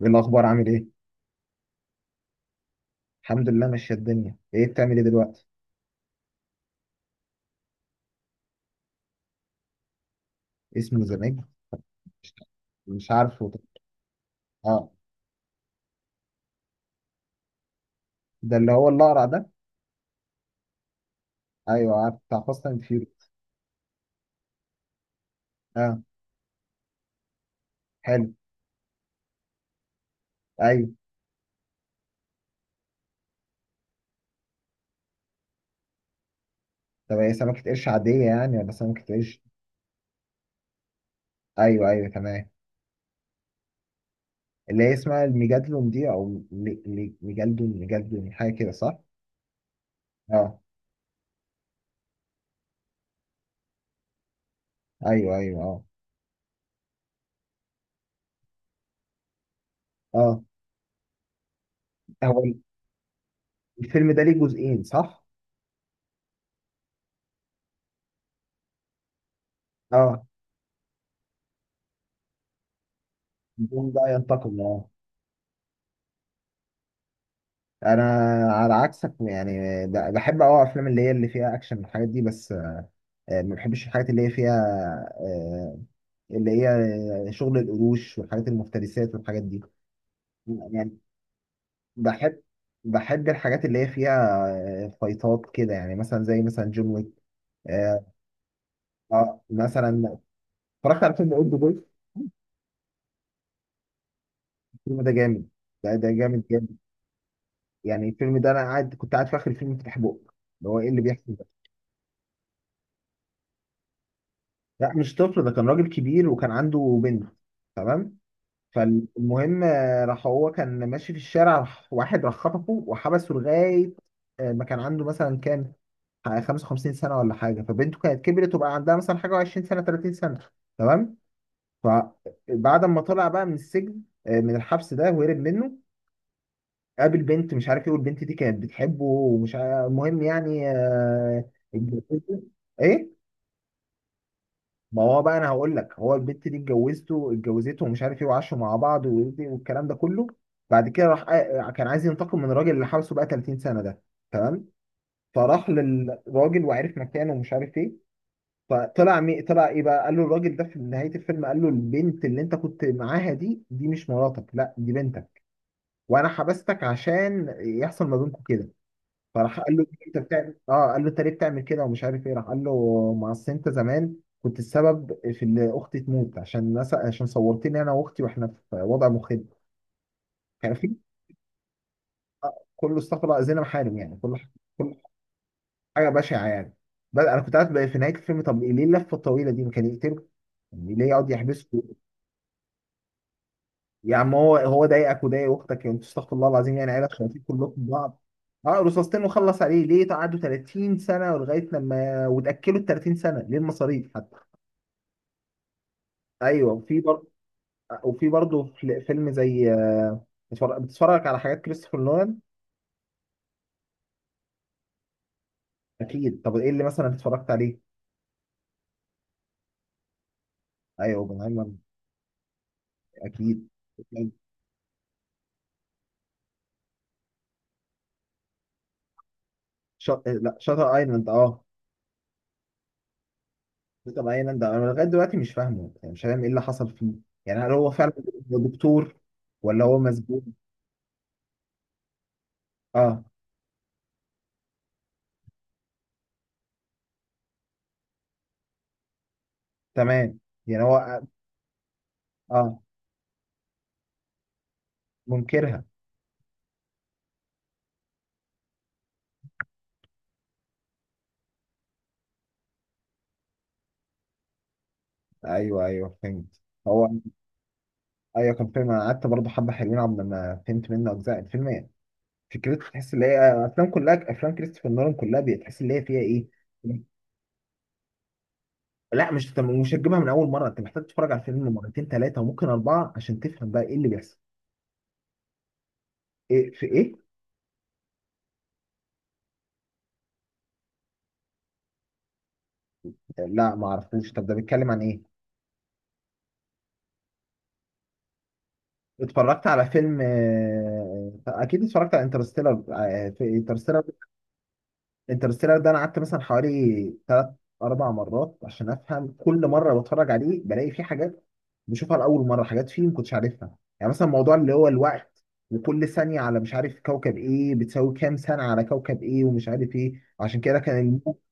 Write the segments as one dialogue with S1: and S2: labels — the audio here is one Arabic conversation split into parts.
S1: ايه الاخبار، عامل ايه؟ الحمد لله ماشيه الدنيا. ايه بتعمل ايه دلوقتي؟ اسمه ذا ميج. مش مش عارفه. اه. ده اللي هو الاقرع ده؟ ايوه، عارف بتاع فاست اند فيوري. اه. حلو. ايوه. طب هي سمكه قرش عاديه يعني ولا سمكه قرش؟ ايوه ايوه تمام. اللي هي اسمها الميجادلون دي، او ميجادلون حاجه كده، صح؟ اه. ايوه ايوه اه. اه. هو الفيلم ده ليه جزئين، صح؟ اه. الجزء ده ينتقم، اه. انا على عكسك يعني، بحب اه افلام اللي هي اللي فيها اكشن والحاجات دي بس. ما بحبش الحاجات اللي هي فيها آه، اللي هي شغل القروش والحاجات المفترسات والحاجات دي. يعني بحب، بحب الحاجات اللي هي فيها فايتات كده، يعني مثلا زي مثلا جون ويك. اه. مثلا اتفرجت على فيلم اولد بوي. الفيلم ده جامد، ده جامد جامد. يعني الفيلم ده انا قاعد، كنت قاعد في اخر الفيلم فاتح بقى اللي هو ايه اللي بيحصل ده. لا مش طفل، ده كان راجل كبير وكان عنده بنت. تمام. فالمهم راح، هو كان ماشي في الشارع، راح واحد راح خطفه وحبسه لغاية ما كان عنده مثلا كام، 55 سنة ولا حاجة، فبنته كانت كبرت وبقى عندها مثلا حاجة 20 سنة 30 سنة. تمام. فبعد ما طلع بقى من السجن، من الحبس ده وهرب منه، قابل بنت مش عارف ايه، والبنت دي كانت بتحبه ومش عارف، المهم يعني اتجوزوا. ايه؟ ما هو بقى انا هقول لك، هو البت دي اتجوزته، اتجوزته ومش عارف ايه، وعاشوا مع بعض والكلام ده كله. بعد كده راح كان عايز ينتقم من الراجل اللي حبسه بقى 30 سنه ده. تمام. فراح للراجل وعرف مكانه ومش عارف ايه. طلع ايه بقى، قال له الراجل ده في نهايه الفيلم، قال له البنت اللي انت كنت معاها دي، دي مش مراتك، لا دي بنتك، وانا حبستك عشان يحصل ما بينكم كده. فراح قال له انت بتعمل اه، قال له انت ليه بتعمل كده ومش عارف ايه، راح قال له ما اصل انت زمان كنت السبب في ان اختي تموت، عشان ناس، عشان صورتني انا واختي واحنا في وضع مخيب. كان في، كله استغفر الله زينا محارم يعني، كل حاجه بشعه يعني. بل انا كنت قاعد بقى في نهايه الفيلم، طب ليه اللفه الطويله دي، ما كان يقتله؟ يعني ليه يقعد يحبسه؟ يا عم هو ضايقك وضايق اختك يعني، انتوا استغفر الله العظيم يعني، عيله شياطين كلكم بعض. اه رصاصتين وخلص عليه، ليه قعدوا 30 سنه ولغايه لما وتاكلوا ال 30 سنه، ليه المصاريف حتى؟ ايوه. وفي برضه، وفي برضه فيلم زي بتتفرج على حاجات كريستوفر نولان. اكيد. طب ايه اللي مثلا اتفرجت عليه؟ ايوه اوبنهايمر. اكيد. لا شاتر ايلاند، اه. شاتر ايلاند انا لغايه دلوقتي مش فاهمه، يعني مش فاهم ايه اللي حصل فيه، يعني هل هو فعلا دكتور ولا هو مسجون؟ اه. تمام. يعني هو، اه منكرها. ايوه ايوه، فهمت. هو ايوه، كان فيلم. انا قعدت برضه حبه حلوين، عبد ما فهمت منه اجزاء الفيلم، فكرته تحس ان هي افلام، كلها افلام كريستوفر نولان كلها بتحس ان هي فيها ايه. لا مش، انت مش هتجيبها من اول مره، انت محتاج تتفرج على الفيلم مرتين ثلاثه وممكن اربعه عشان تفهم بقى ايه اللي بيحصل. ايه في ايه؟ لا ما اعرفوش. طب ده بيتكلم عن ايه؟ اتفرجت على فيلم اكيد اتفرجت على انترستيلر. في انترستيلر. انترستيلر ده انا قعدت مثلا حوالي ثلاث اربع مرات عشان افهم، كل مره بتفرج عليه بلاقي فيه حاجات بشوفها لاول مره، حاجات فيه ما كنتش عارفها، يعني مثلا موضوع اللي هو الوقت، وكل ثانيه على مش عارف كوكب ايه بتساوي كام سنه على كوكب ايه ومش عارف ايه، عشان كده كان الموت.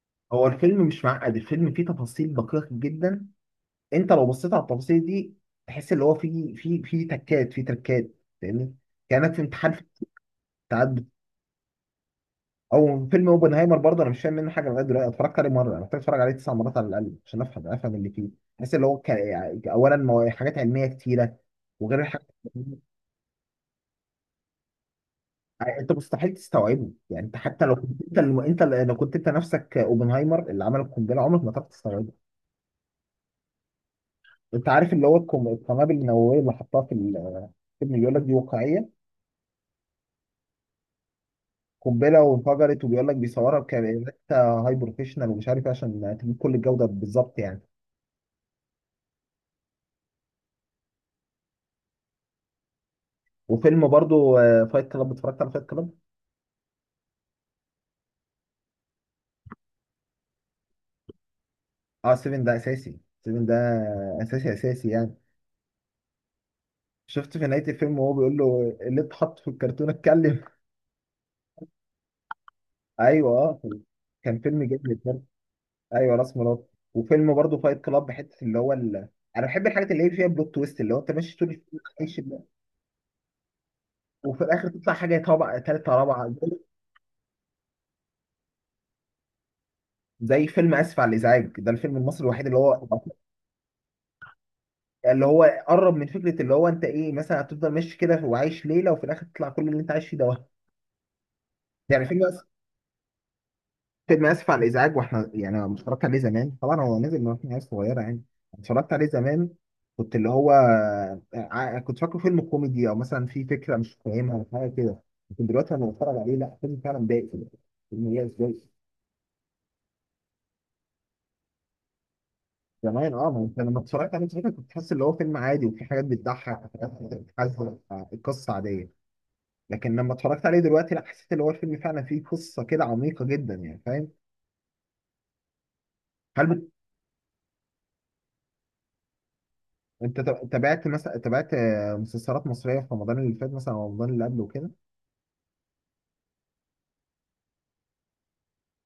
S1: هو الفيلم مش معقد، الفيلم فيه تفاصيل دقيقه جدا، انت لو بصيت على التفاصيل دي تحس اللي هو فيه تكات، فيه تركات. فاهمني؟ كانك في امتحان في التعدد. او فيلم اوبنهايمر برضه، انا مش فاهم منه حاجه لغايه دلوقتي، اتفرجت عليه مره، انا محتاج اتفرج عليه تسع مرات على الاقل عشان افهم اللي فيه. بحس اللي هو كان يعني اولا حاجات علميه كتيره، وغير الحاجات يعني، انت مستحيل تستوعبه، يعني انت حتى لو كنت انت لو كنت انت نفسك اوبنهايمر اللي عمل القنبله، عمرك ما تعرف تستوعبه. انت عارف اللي هو القنابل النوويه اللي حطها في الفيلم بيقول لك دي واقعيه، قنبله وانفجرت، وبيقول لك بيصورها بكاميرات هاي بروفيشنال ومش عارف ايه عشان تجيب كل الجوده بالظبط يعني. وفيلم برضو فايت كلاب، اتفرجت على فايت كلاب. اه 7 ده اساسي، 7 ده اساسي اساسي يعني. شفت في نهاية الفيلم وهو بيقول له اللي اتحط في الكرتون اتكلم. ايوه اه. كان فيلم جامد برضه. ايوه راس مراد. وفيلم برضو فايت كلاب، حتة اللي هو انا بحب الحاجات اللي هي فيها بلوت تويست، اللي هو انت ماشي طول الفيلم عايش وفي الاخر تطلع حاجه طبعا ثالثه رابعه. زي فيلم اسف على الازعاج، ده الفيلم المصري الوحيد اللي هو اللي هو قرب من فكره اللي هو انت ايه، مثلا هتفضل ماشي كده وعايش ليله وفي الاخر تطلع كل اللي انت عايش فيه ده. يعني فيلم فيلم اسف على الازعاج، واحنا يعني أنا اتفرجت عليه زمان طبعا، هو نزل من واحنا عيال صغيره يعني. اتفرجت عليه زمان، كنت اللي هو كنت فاكره فيلم كوميدي او مثلا في فكره مش فاهمها او حاجه كده، لكن دلوقتي لما بتفرج عليه لا، فيلم فعلا ضايق، فيلم ياس ضايق. زمان اه، ما انت لما اتفرجت عليه زمان كنت تحس اللي هو فيلم عادي وفي حاجات بتضحك وحاجات بتحزن، القصه عاديه، لكن لما اتفرجت عليه دلوقتي لا، حسيت اللي هو الفيلم فعلا فيه قصه كده عميقه جدا يعني، فاهم؟ هل انت تابعت مثلا، تابعت مسلسلات مصريه في رمضان اللي فات، مثلا او رمضان اللي قبله وكده؟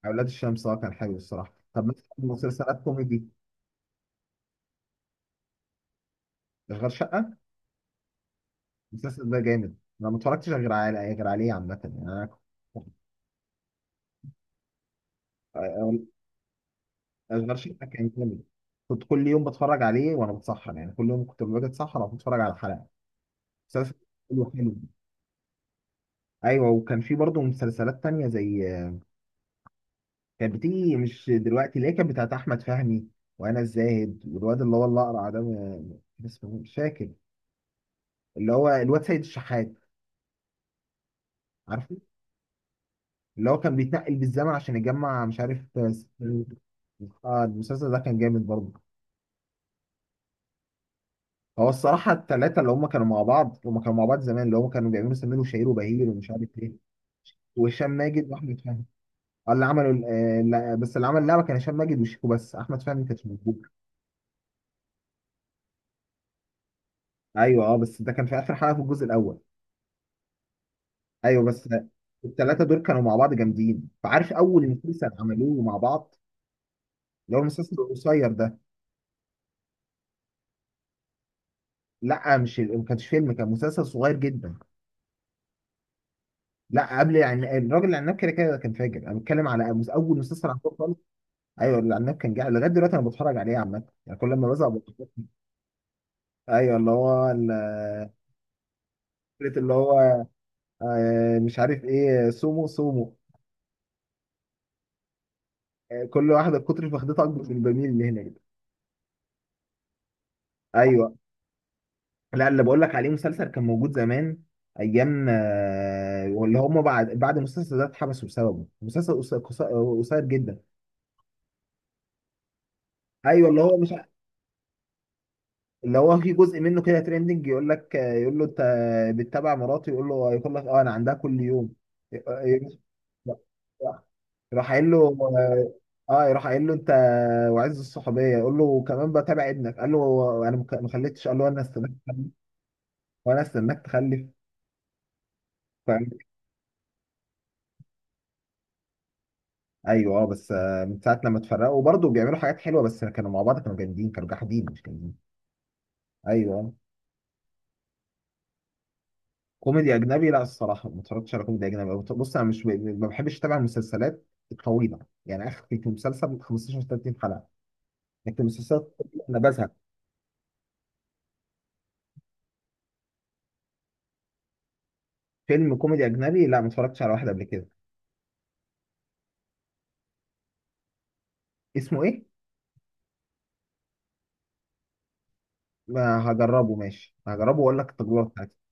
S1: اولاد الشمس اه، كان حلو الصراحه. طب مثلا مسلسلات كوميدي، غير شقه. المسلسل ده جامد. انا ما اتفرجتش غير على غير عليه عامه يعني، انا أول- اشغال شقه كان جامد، كنت كل يوم بتفرج عليه وانا بتسحر يعني، كل يوم كنت باجي اتسحر او بتفرج على حلقه مسلسل. حلو حلو. ايوه وكان في برضه مسلسلات تانية زي، كانت بتيجي مش دلوقتي، اللي هي كانت بتاعت احمد فهمي وانا الزاهد والواد اللي هو الاقرع ده كان اسمه إيه؟ مش فاكر. اللي هو الواد سيد الشحات، عارفه؟ اللي هو كان بيتنقل بالزمن عشان يجمع مش عارف. اه المسلسل ده كان جامد برضه. هو الصراحه الثلاثه اللي هم كانوا مع بعض، هم كانوا مع بعض زمان اللي هم كانوا بيعملوا سمير وشهير وبهير ومش عارف ايه، وهشام ماجد واحمد فهمي. اه اللي عملوا لا، بس اللي عمل اللعبه كان هشام ماجد وشيكو بس، احمد فهمي ما كانش موجود. ايوه اه، بس ده كان في اخر حلقه في الجزء الاول. ايوه بس. الثلاثه دول كانوا مع بعض جامدين. فعارف اول مسلسل عملوه مع بعض، اللي هو المسلسل القصير ده؟ لا مش، ما كانش فيلم، كان مسلسل صغير جدا. لا قبل يعني الراجل العناب، كده كده كان فاجر، انا بتكلم على اول مسلسل عملوه خالص. ايوه العناب كان جاي لغايه دلوقتي انا بتفرج عليه عامه يعني، كل ما بزهق بتفرج. ايوه اللي هو فكره اللي هو مش عارف ايه سومو سومو. كل واحده كتر فخدتها اكبر من البميل اللي هنا. ايوه. لا اللي بقول لك عليه مسلسل كان موجود زمان، ايام واللي هم بعد، بعد المسلسل ده اتحبسوا بسببه. مسلسل قصير جدا. ايوه اللي هو مش ع- اللي هو في جزء منه كده تريندنج، يقول لك يقول له انت بتتابع مراتي، يقول له، يقول لك اه انا عندها كل يوم. آه، آه، آه، راح قايل له اه، يروح قايل له انت وعز الصحوبيه، يقول له كمان بتابع ابنك، قال له انا ما خليتش، قال له انا استناك، وانا استناك تخلف. ايوه اه بس من ساعه لما اتفرقوا وبرضه بيعملوا حاجات حلوه، بس كانوا مع بعض كانوا جامدين، كانوا جاحدين مش جامدين. ايوه آه. كوميدي اجنبي؟ لا الصراحه ما اتفرجتش على كوميدي اجنبي. بص انا مش، ما بحبش اتابع المسلسلات الطويله، يعني اخر في مسلسل 15 30 حلقه، لكن المسلسلات الطويلة انا بزهق. فيلم كوميدي اجنبي لا ما اتفرجتش على واحد قبل كده. اسمه ايه؟ ما هجربه ماشي، هجربه واقول لك التجربه بتاعتي.